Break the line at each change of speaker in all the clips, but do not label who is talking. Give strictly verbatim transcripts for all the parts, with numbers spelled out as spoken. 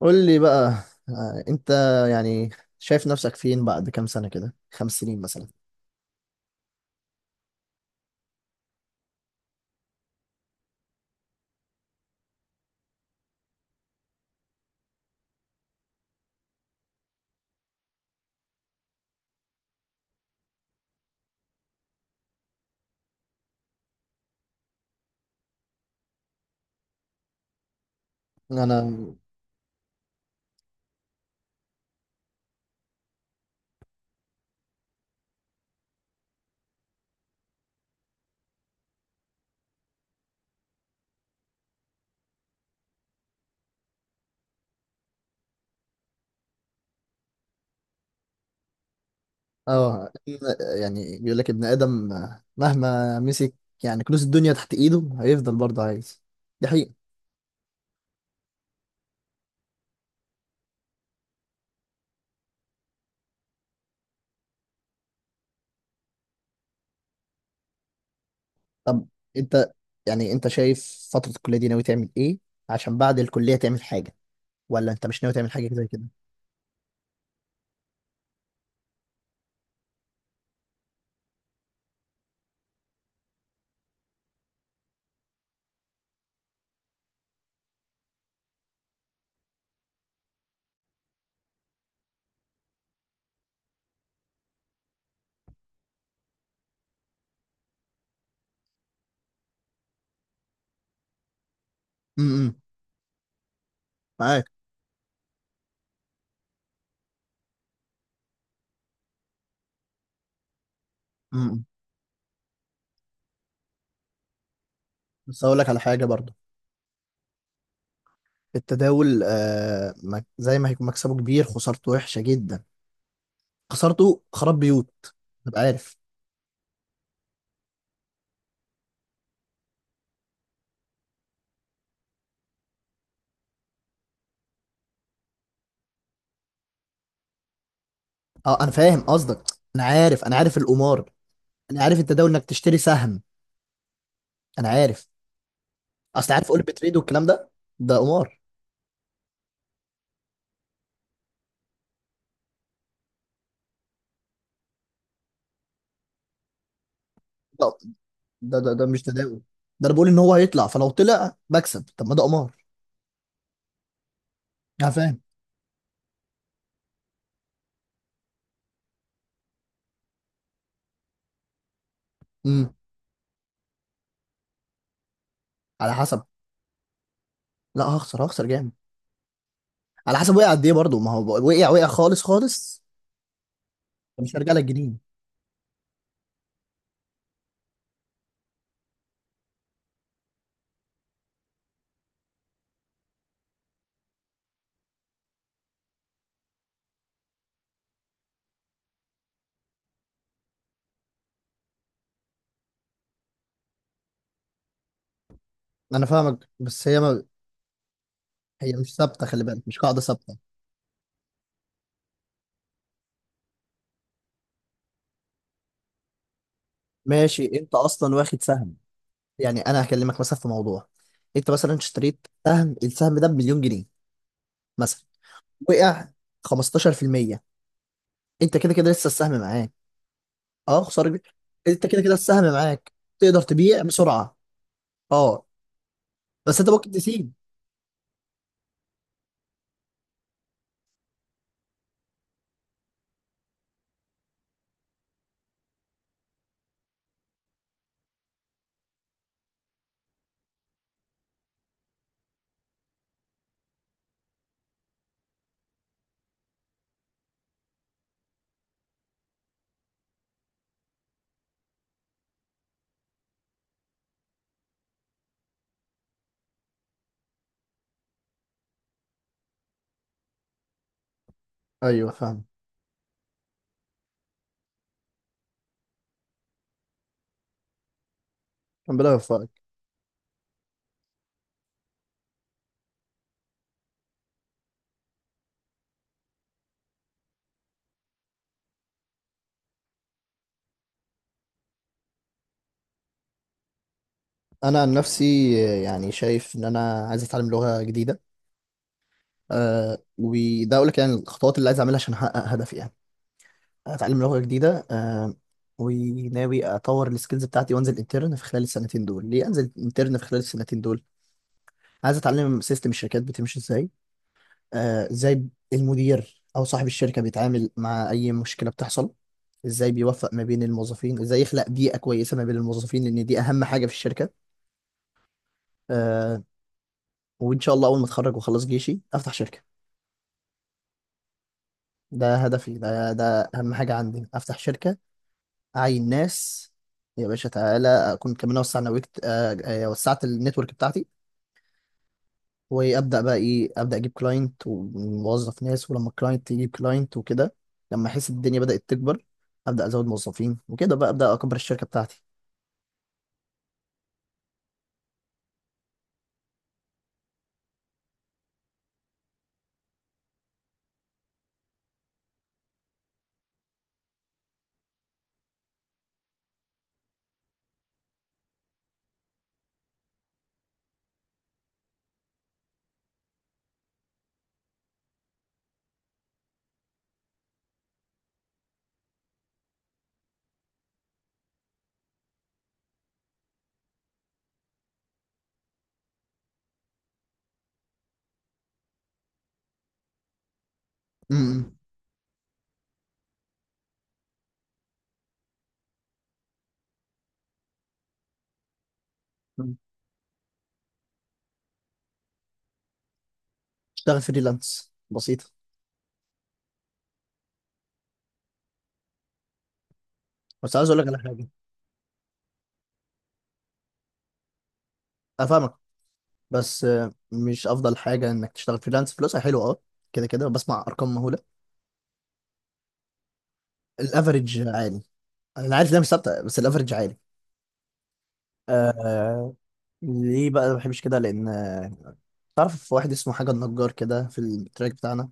قول لي بقى، آه، انت يعني شايف نفسك فين بعد كام سنة كده، خمس سنين مثلا؟ انا اه يعني بيقول لك ابن آدم، آه، مهما مسك يعني كنوز الدنيا تحت ايده هيفضل برضه عايز. دي حقيقة. طب انت، يعني انت شايف فترة الكلية دي ناوي تعمل ايه عشان بعد الكلية تعمل حاجة، ولا انت مش ناوي تعمل حاجة زي كده؟ امم، معاك. امم. بس هقول لك على حاجة برضه. التداول آه مك- زي ما هيكون مكسبه كبير، خسارته وحشة جدا. خسارته خراب بيوت، تبقى عارف. اه، انا فاهم قصدك. انا عارف، انا عارف القمار. انا عارف التداول انك تشتري سهم. انا عارف. اصل عارف اقول بتريد والكلام ده، ده قمار. ده ده ده, ده مش تداول. ده انا بقول ان هو هيطلع، فلو طلع بكسب. طب ما ده قمار. انا فاهم. امم. على حسب. لا، هخسر هخسر جامد. على حسب وقع قد ايه برضه. ما هو بق- وقع وقع خالص خالص. مش هرجع لك جنيه. انا فاهمك، بس هي ما هي مش ثابته، خلي بالك، مش قاعده ثابته. ماشي، انت اصلا واخد سهم يعني. انا هكلمك مثلا في موضوع. انت مثلا اشتريت سهم، السهم ده بمليون جنيه مثلا، وقع خمستاشر في المية، انت كده كده لسه السهم معاك. اه، خساره كبيرة. انت كده كده السهم معاك، تقدر تبيع بسرعه. اه. بس انت ممكن تسيب. ايوه فاهم. ربنا يوفقك. انا عن نفسي، يعني شايف ان انا عايز اتعلم لغه جديده. أه وده اقول لك يعني الخطوات اللي عايز اعملها عشان احقق هدفي يعني. اتعلم لغه جديده، آه، وناوي اطور السكيلز بتاعتي وانزل انترن في خلال السنتين دول. ليه انزل انترن في خلال السنتين دول؟ عايز اتعلم سيستم الشركات بتمشي ازاي، آه، ازاي المدير او صاحب الشركه بيتعامل مع اي مشكله بتحصل، ازاي بيوفق ما بين الموظفين، ازاي يخلق بيئه كويسه ما بين الموظفين، لان دي اهم حاجه في الشركه. آه، وان شاء الله اول ما اتخرج واخلص جيشي افتح شركه. ده هدفي، ده ده اهم حاجه عندي، افتح شركه، اعين ناس، يا باشا تعالى. اكون كمان وسع نويت، آه، آه، وسعت النتورك بتاعتي، وابدا بقى ايه، ابدا اجيب كلاينت وموظف ناس، ولما الكلاينت يجيب كلاينت وكده، لما احس الدنيا بدات تكبر، ابدا ازود موظفين وكده، بقى ابدا اكبر الشركه بتاعتي. امم. اشتغل فريلانس بسيطه. بس عايز اقول لك على حاجه. افهمك. بس آه، مش افضل حاجه انك تشتغل فريلانس، فلوسها حلوه اه. كده كده بسمع ارقام مهوله، الافرج عالي. انا عارف ده مش ثابته، بس الافرج عالي. آه، ليه بقى ما بحبش كده؟ لان، آه، تعرف واحد اسمه حاجه النجار كده في التراك بتاعنا،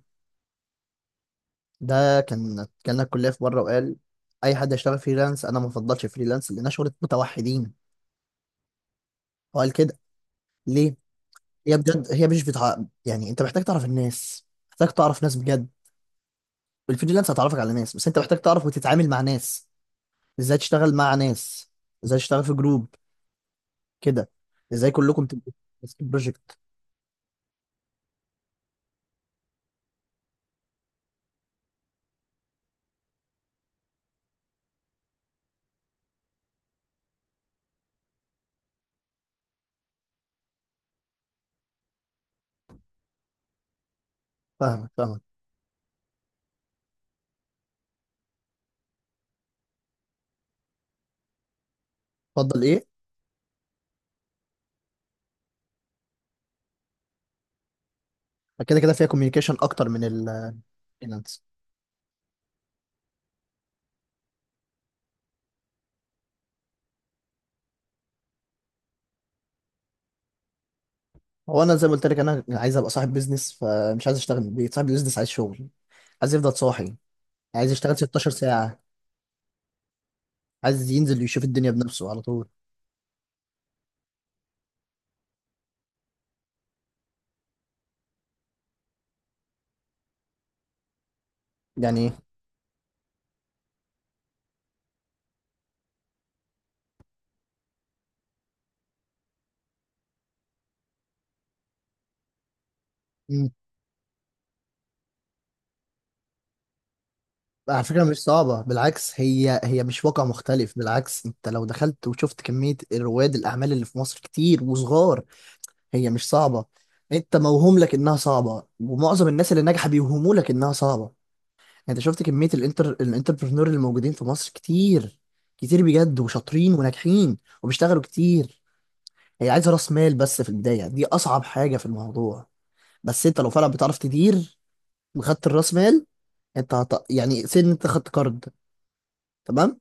ده كان كان الكليه في بره، وقال اي حد يشتغل فريلانس، انا ما بفضلش فريلانس لانها شغله متوحدين. هو قال كده. ليه؟ هي بجد، هي مش بتاع يعني، انت محتاج تعرف الناس، محتاج تعرف ناس بجد. الفريلانس هتعرفك على ناس، بس انت محتاج تعرف وتتعامل مع ناس، ازاي تشتغل مع ناس، ازاي تشتغل في جروب كده، ازاي كلكم تبقوا ماسكين بروجكت. فاهمك فاهمك. اتفضل ايه؟ فكده كده فيها كوميونيكيشن اكتر من الفاينانس. هو انا زي ما قلت لك انا عايز ابقى صاحب بيزنس، فمش عايز اشتغل من البيت. صاحب بيزنس عايز شغل، عايز يفضل صاحي، عايز يشتغل ستاشر ساعة، عايز ينزل يشوف الدنيا بنفسه على طول يعني. مم. على فكرة مش صعبة، بالعكس، هي هي مش واقع مختلف، بالعكس انت لو دخلت وشفت كمية رواد الأعمال اللي في مصر كتير وصغار. هي مش صعبة. انت موهوم لك انها صعبة، ومعظم الناس اللي ناجحة بيوهموا لك انها صعبة. انت شفت كمية الانتر الانتربرنور اللي موجودين في مصر كتير، كتير بجد وشاطرين وناجحين وبيشتغلوا كتير. هي عايزة راس مال بس في البداية، دي أصعب حاجة في الموضوع. بس انت لو فعلا بتعرف تدير، وخدت الراس مال، انت هت... يعني سن انت خدت قرض، تمام،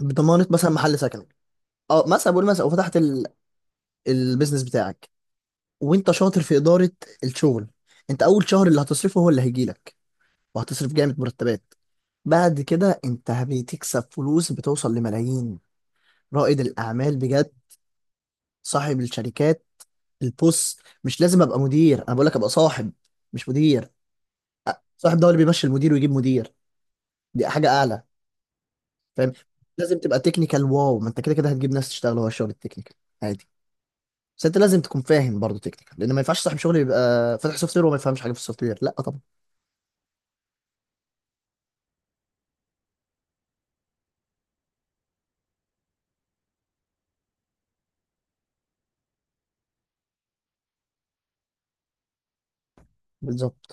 بضمانة مثلا محل سكنك. اه مثلا بقول مثلا، وفتحت ال... البيزنس بتاعك، وانت شاطر في إدارة الشغل. انت أول شهر اللي هتصرفه هو اللي هيجيلك، وهتصرف جامد مرتبات. بعد كده انت بتكسب فلوس، بتوصل لملايين، رائد الاعمال بجد، صاحب الشركات. البوس مش لازم ابقى مدير، انا بقول لك ابقى صاحب، مش مدير. صاحب، ده هو اللي بيمشي المدير ويجيب مدير، دي حاجه اعلى، فاهم؟ لازم تبقى تكنيكال، واو ما انت كده كده هتجيب ناس تشتغل، هو الشغل التكنيكال عادي. بس انت لازم تكون فاهم برضه تكنيكال لان ما ينفعش صاحب شغل يبقى فاتح سوفت وير وما يفهمش حاجه في السوفت وير، لا طبعا. بالظبط.